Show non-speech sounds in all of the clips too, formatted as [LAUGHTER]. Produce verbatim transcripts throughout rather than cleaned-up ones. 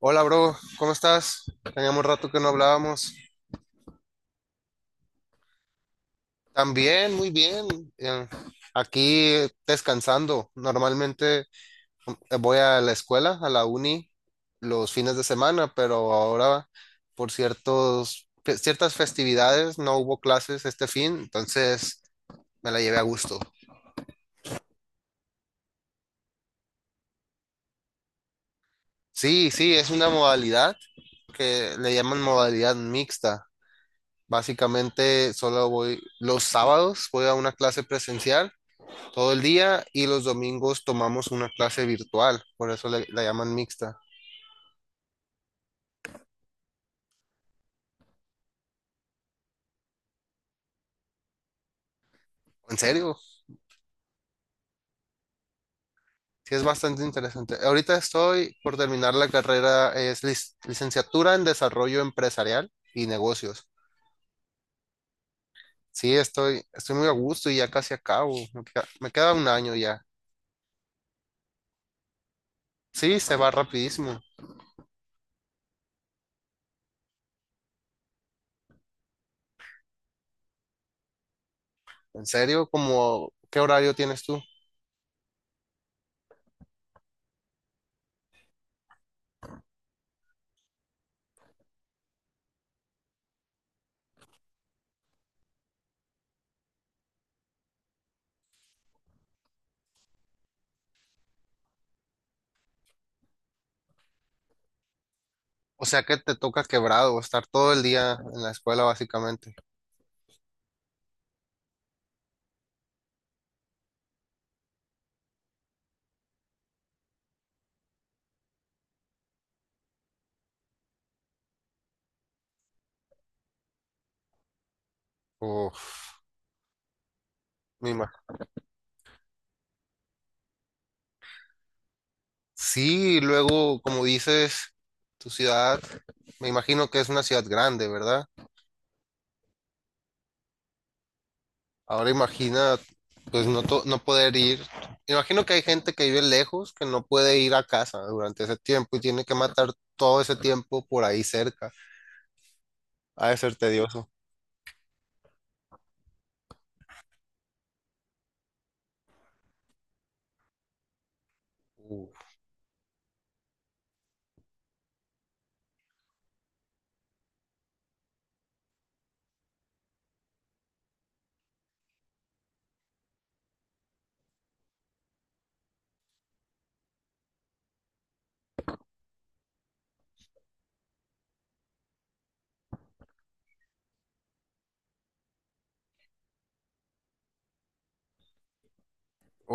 Hola, bro, ¿cómo estás? Teníamos rato que no hablábamos. También, muy bien. eh, Aquí eh, descansando. Normalmente eh, voy a la escuela, a la uni, los fines de semana, pero ahora por ciertos, fe- ciertas festividades no hubo clases este fin, entonces me la llevé a gusto. Sí, sí, es una modalidad que le llaman modalidad mixta. Básicamente solo voy los sábados, voy a una clase presencial todo el día y los domingos tomamos una clase virtual, por eso le- la llaman mixta. ¿En serio? Sí, es bastante interesante. Ahorita estoy por terminar la carrera, es lic- licenciatura en desarrollo empresarial y negocios. Sí, estoy, estoy muy a gusto y ya casi acabo. Me queda, me queda un año ya. Sí, se va rapidísimo. ¿En serio? ¿Cómo, qué horario tienes tú? O sea que te toca quebrado, estar todo el día en la escuela básicamente. Uf, me imagino. Sí, luego, como dices, tu ciudad, me imagino que es una ciudad grande, ¿verdad? Ahora imagina, pues no, to- no poder ir. Imagino que hay gente que vive lejos, que no puede ir a casa durante ese tiempo y tiene que matar todo ese tiempo por ahí cerca. Ha de ser tedioso. Uf,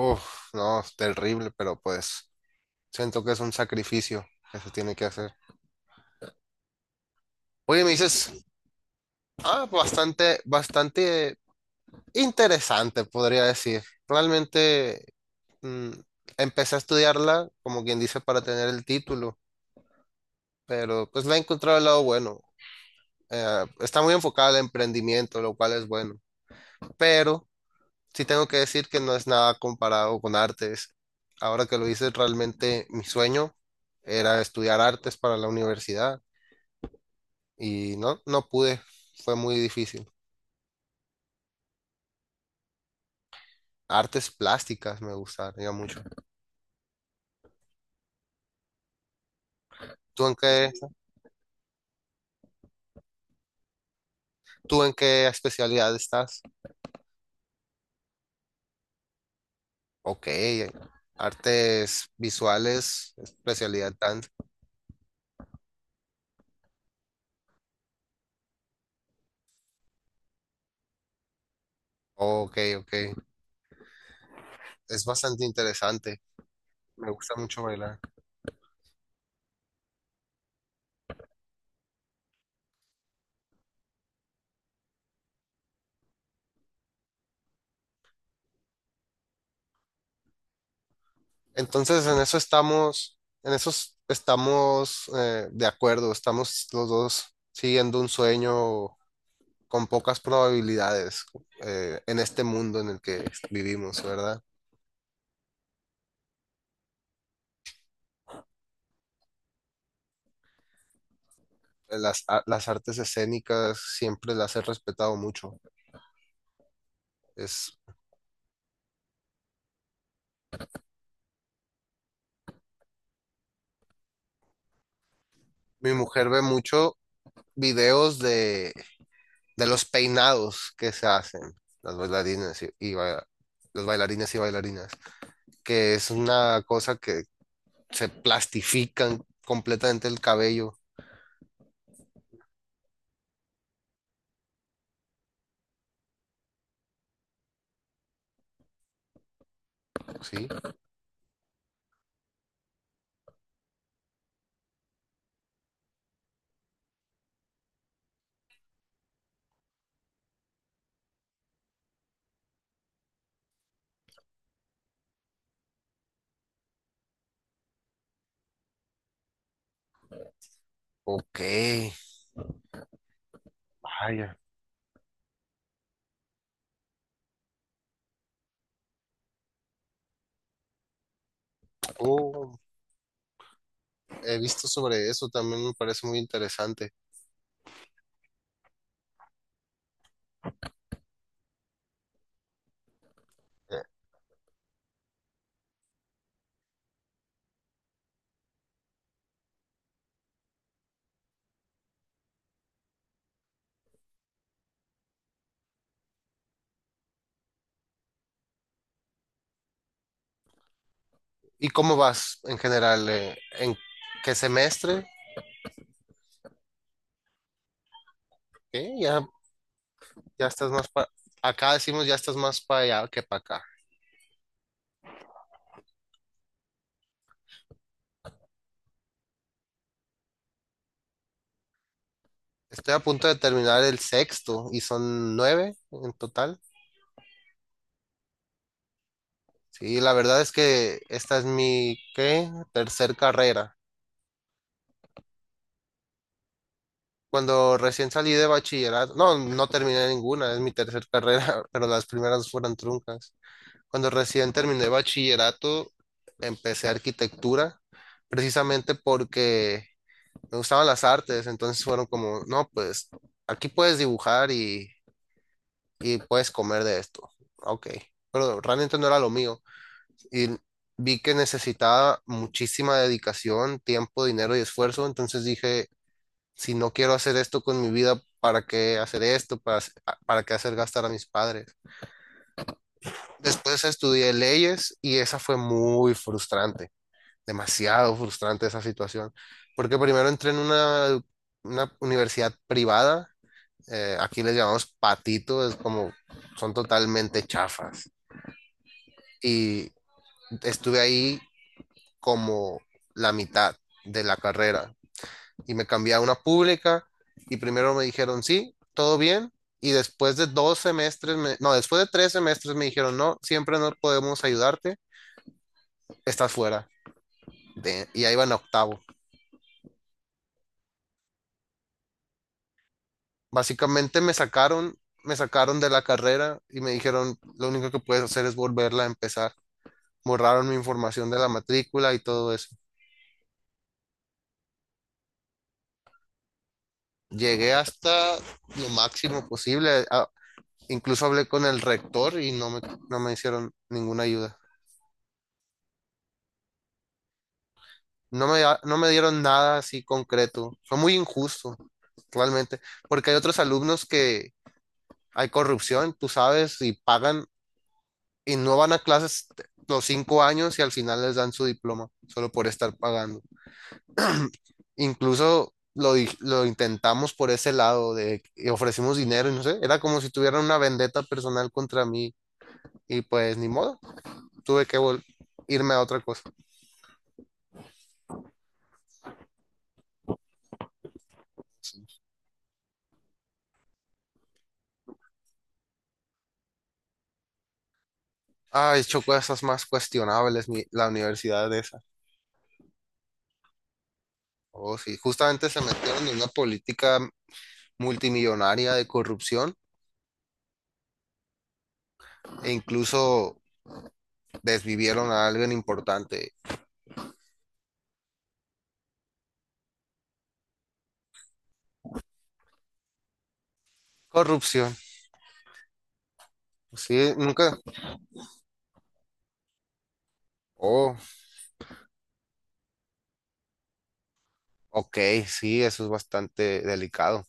uf, no, es terrible, pero pues siento que es un sacrificio que se tiene que hacer. Oye, me dices, ah, bastante, bastante interesante, podría decir. Realmente. mm, Empecé a estudiarla, como quien dice, para tener el título, pero pues la he encontrado el lado bueno. Eh, está muy enfocada al emprendimiento, lo cual es bueno, pero sí tengo que decir que no es nada comparado con artes. Ahora que lo hice realmente mi sueño era estudiar artes para la universidad y no, no pude, fue muy difícil. Artes plásticas me gustaría mucho. ¿Tú en qué, ¿tú en qué especialidad estás? Ok, artes visuales, especialidad dance. Ok, ok, es bastante interesante. Me gusta mucho bailar. Entonces, en eso estamos, en eso es- estamos eh, de acuerdo. Estamos los dos siguiendo un sueño con pocas probabilidades eh, en este mundo en el que vivimos, ¿verdad? Las, a- las artes escénicas siempre las he respetado mucho. Es, Mi mujer ve mucho videos de de los peinados que se hacen las bailarinas y, y baila- los bailarines y bailarinas, que es una cosa que se plastifican completamente el cabello, ¿sí? Ok, vaya. Oh, he visto sobre eso, también me parece muy interesante. Eh, ¿Y cómo vas en general? Eh, ¿en qué semestre? ¿Qué? Ya, ya estás más para... Acá decimos ya estás más para allá que para acá. Estoy a punto de terminar el sexto y son nueve en total. Sí, la verdad es que esta es mi, ¿qué? Tercer carrera. Cuando recién salí de bachillerato, no, no terminé ninguna, es mi tercer carrera, [LAUGHS] pero las primeras fueron truncas. Cuando recién terminé bachillerato, empecé arquitectura, precisamente porque me gustaban las artes, entonces fueron como, no, pues aquí puedes dibujar y, y puedes comer de esto. Ok, pero realmente no era lo mío. Y vi que necesitaba muchísima dedicación, tiempo, dinero y esfuerzo, entonces dije, si no quiero hacer esto con mi vida, ¿para qué hacer esto? ¿Para, hace- a- ¿para qué hacer gastar a mis padres? Después estudié leyes y esa fue muy frustrante, demasiado frustrante esa situación, porque primero entré en una, una universidad privada, eh, aquí les llamamos patito, es como, son totalmente chafas. Y estuve ahí como la mitad de la carrera y me cambié a una pública y primero me dijeron sí, todo bien y después de dos semestres, me- no, después de tres semestres me dijeron no, siempre no podemos ayudarte, estás fuera de- y ahí van a octavo. Básicamente me sacaron, me sacaron de la carrera y me dijeron lo único que puedes hacer es volverla a empezar. Borraron mi información de la matrícula y todo eso. Llegué hasta lo máximo posible. a- Incluso hablé con el rector y no me, no me hicieron ninguna ayuda. No me, da- no me dieron nada así concreto. Fue muy injusto, realmente, porque hay otros alumnos que hay corrupción, tú sabes, y pagan y no van a clases los cinco años y al final les dan su diploma solo por estar pagando. Incluso lo, di- lo intentamos por ese lado de y ofrecimos dinero y no sé, era como si tuvieran una vendetta personal contra mí y pues ni modo, tuve que vol- irme a otra cosa. Ay, chocó esas más cuestionables, mi- la universidad de esa. Oh, sí, justamente se metieron en una política multimillonaria de corrupción e incluso desvivieron a alguien importante. Corrupción. Sí, nunca. Oh, ok, sí, eso es bastante delicado.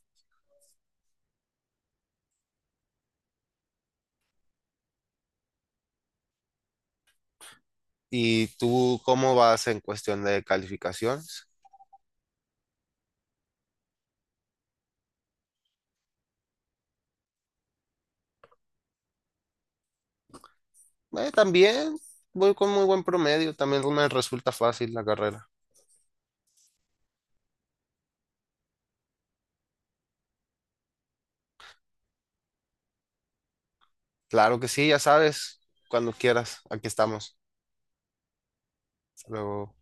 ¿Y tú cómo vas en cuestión de calificaciones? Eh, también voy con muy buen promedio, también me resulta fácil la carrera. Claro que sí, ya sabes, cuando quieras, aquí estamos. Hasta luego.